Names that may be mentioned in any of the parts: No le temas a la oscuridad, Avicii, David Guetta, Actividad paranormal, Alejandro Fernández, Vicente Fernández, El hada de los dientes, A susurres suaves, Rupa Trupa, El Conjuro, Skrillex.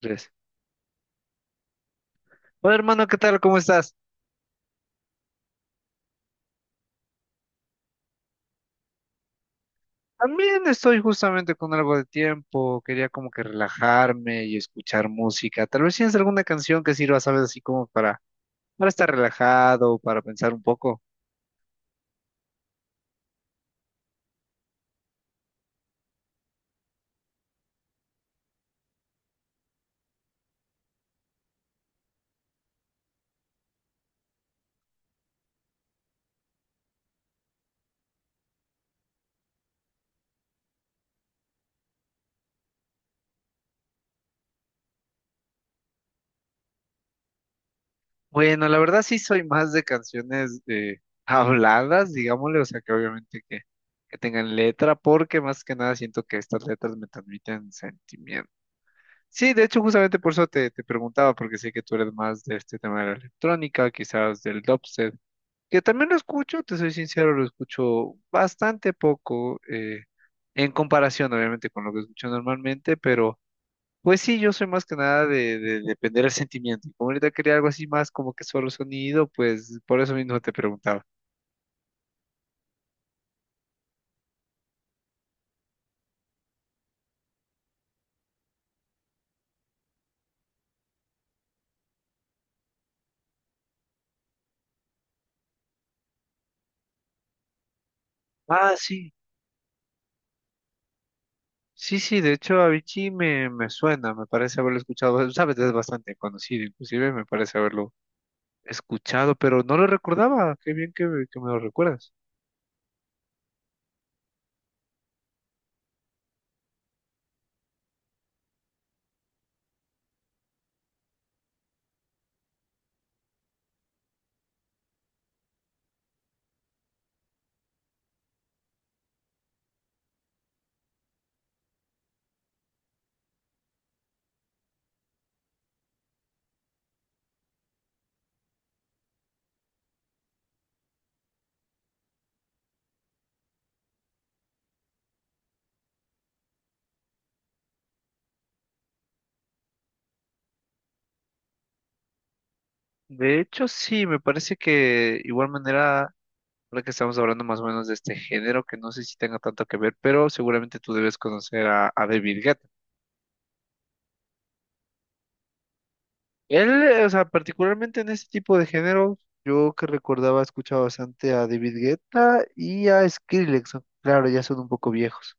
Tres. Hola hermano, ¿qué tal? ¿Cómo estás? También estoy justamente con algo de tiempo, quería como que relajarme y escuchar música. Tal vez tienes alguna canción que sirva, sabes, así como para, estar relajado, para pensar un poco. Bueno, la verdad sí soy más de canciones habladas, digámosle, o sea que obviamente que, tengan letra, porque más que nada siento que estas letras me transmiten sentimiento. Sí, de hecho justamente por eso te preguntaba, porque sé que tú eres más de este tema de la electrónica, quizás del dubstep, que también lo escucho, te soy sincero, lo escucho bastante poco, en comparación obviamente con lo que escucho normalmente, pero pues sí, yo soy más que nada de, depender del sentimiento. Y como ahorita quería algo así más como que solo sonido, pues por eso mismo te preguntaba. Ah, sí, sí, sí, de hecho Avicii me suena, me parece haberlo escuchado, sabes, es bastante conocido, inclusive me parece haberlo escuchado, pero no lo recordaba, qué bien que, que me lo recuerdas. De hecho, sí, me parece que igual manera. Ahora que estamos hablando más o menos de este género, que no sé si tenga tanto que ver, pero seguramente tú debes conocer a, David Guetta. Él, o sea, particularmente en este tipo de género, yo que recordaba, escuchaba bastante a David Guetta y a Skrillex, ¿no? Claro, ya son un poco viejos.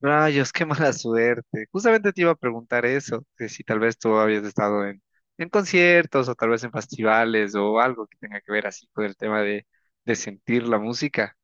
Rayos, qué mala suerte. Justamente te iba a preguntar eso, que si tal vez tú habías estado en, conciertos o tal vez en festivales o algo que tenga que ver así con el tema de sentir la música.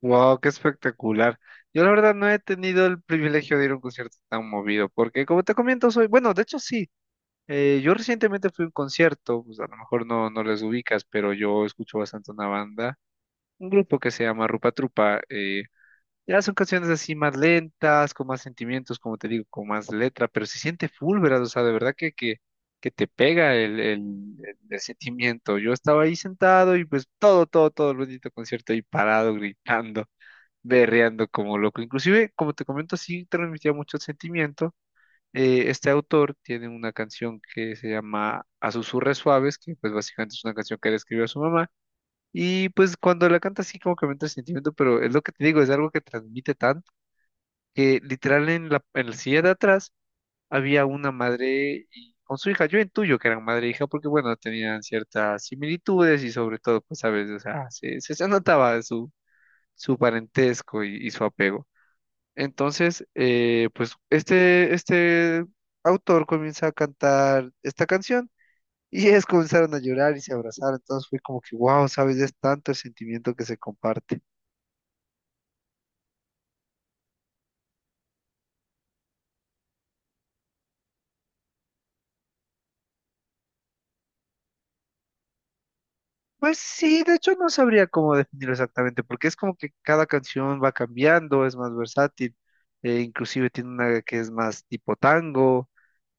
Wow, qué espectacular. Yo la verdad no he tenido el privilegio de ir a un concierto tan movido, porque como te comento, soy, bueno, de hecho sí, yo recientemente fui a un concierto, pues a lo mejor no les ubicas, pero yo escucho bastante una banda, un grupo que se llama Rupa Trupa, ya son canciones así más lentas, con más sentimientos, como te digo, con más letra, pero se siente full, ¿verdad? O sea, de verdad que te pega el sentimiento. Yo estaba ahí sentado y pues todo, todo, todo el bonito concierto ahí parado, gritando berreando como loco. Inclusive, como te comento, sí transmitía mucho sentimiento. Este autor tiene una canción que se llama A susurres suaves, que pues básicamente es una canción que le escribió a su mamá. Y pues cuando la canta sí como que me entra el sentimiento, pero es lo que te digo, es algo que transmite tanto que literal en la, silla de atrás había una madre con su hija. Yo intuyo que eran madre e hija porque bueno, tenían ciertas similitudes y sobre todo, pues sabes, o sea, se notaba su parentesco y su apego. Entonces, pues este autor comienza a cantar esta canción y ellos comenzaron a llorar y se abrazaron. Entonces fue como que, wow, ¿sabes? Es tanto el sentimiento que se comparte. Pues sí, de hecho no sabría cómo definirlo exactamente, porque es como que cada canción va cambiando, es más versátil, inclusive tiene una que es más tipo tango,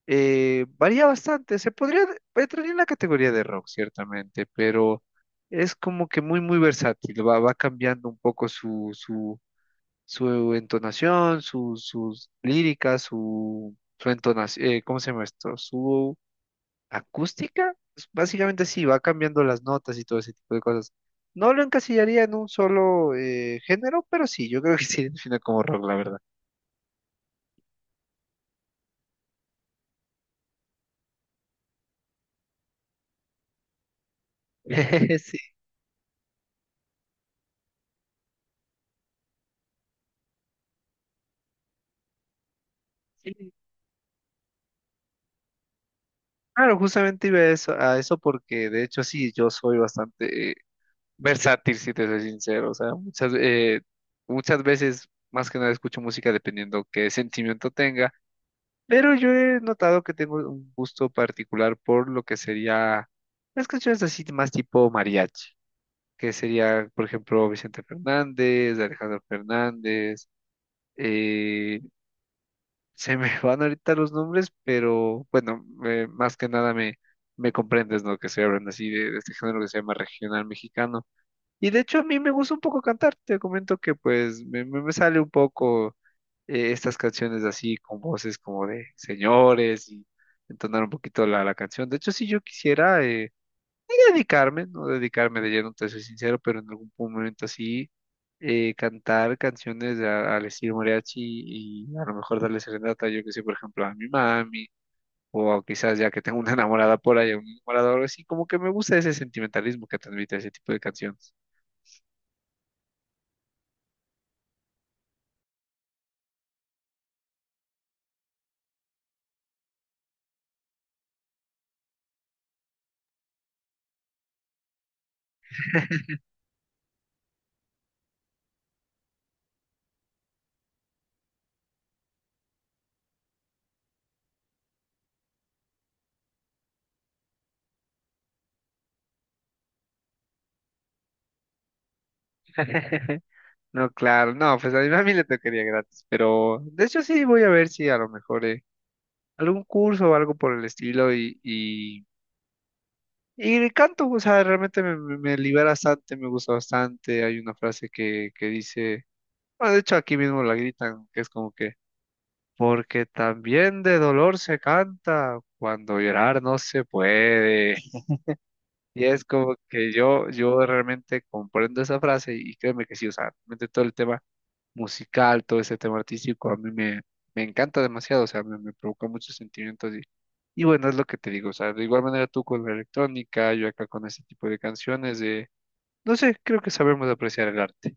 varía bastante. Se podría, entraría en la categoría de rock, ciertamente, pero es como que muy, muy versátil. va, cambiando un poco su entonación, sus líricas, su entonación, ¿cómo se llama esto? Su acústica. Pues básicamente sí, va cambiando las notas y todo ese tipo de cosas. No lo encasillaría en un solo género, pero sí, yo creo que sí define como rock, la verdad. Sí. Claro, justamente iba a eso porque de hecho sí, yo soy bastante versátil, si te soy sincero. O sea, muchas veces más que nada escucho música dependiendo qué sentimiento tenga, pero yo he notado que tengo un gusto particular por lo que sería las canciones así más tipo mariachi, que sería, por ejemplo, Vicente Fernández, Alejandro Fernández, eh, se me van ahorita los nombres, pero bueno, más que nada me, comprendes, ¿no? Que se hablan así de este género que se llama regional mexicano. Y de hecho a mí me gusta un poco cantar, te comento que pues me, sale un poco estas canciones así con voces como de señores y entonar un poquito la, canción. De hecho, si yo quisiera... dedicarme, no dedicarme de lleno, te soy sincero, pero en algún momento así cantar canciones al estilo mariachi y a lo mejor darle serenata, yo que sé, por ejemplo, a mi mami, o quizás ya que tengo una enamorada por ahí, un enamorado, o algo así, como que me gusta ese sentimentalismo que transmite ese tipo de canciones. No, claro, no, pues a mi mami le tocaría gratis, pero de hecho sí voy a ver si a lo mejor algún curso o algo por el estilo y canto, o sea, realmente me libera bastante, me gusta bastante. Hay una frase que dice, bueno, de hecho aquí mismo la gritan, que es como que, porque también de dolor se canta cuando llorar no se puede. Y es como que yo, realmente comprendo esa frase y créeme que sí, o sea, realmente todo el tema musical, todo ese tema artístico, a mí me, me, encanta demasiado, o sea, me provoca muchos sentimientos y bueno, es lo que te digo, o sea, de igual manera tú con la electrónica, yo acá con ese tipo de canciones de no sé, creo que sabemos apreciar el arte.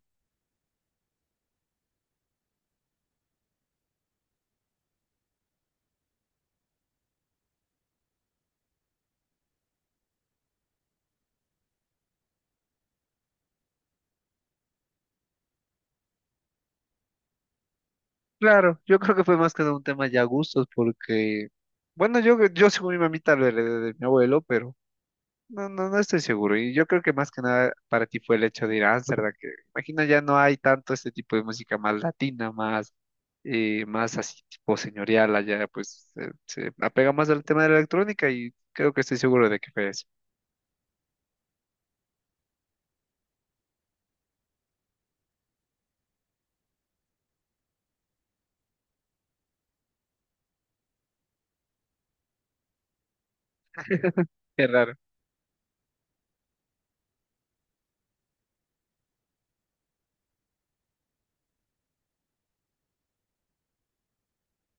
Claro, yo creo que fue más que nada un tema ya gustos, porque, bueno, yo según mi mamita lo heredé de mi abuelo, pero no, no, no estoy seguro. Y yo creo que más que nada para ti fue el hecho de ir a Ámsterdam, que imagina ya no hay tanto este tipo de música más latina, más así tipo señorial allá, pues se apega más al tema de la electrónica y creo que estoy seguro de que fue eso. Qué raro.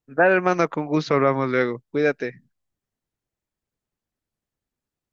Dale, hermano, con gusto hablamos luego. Cuídate.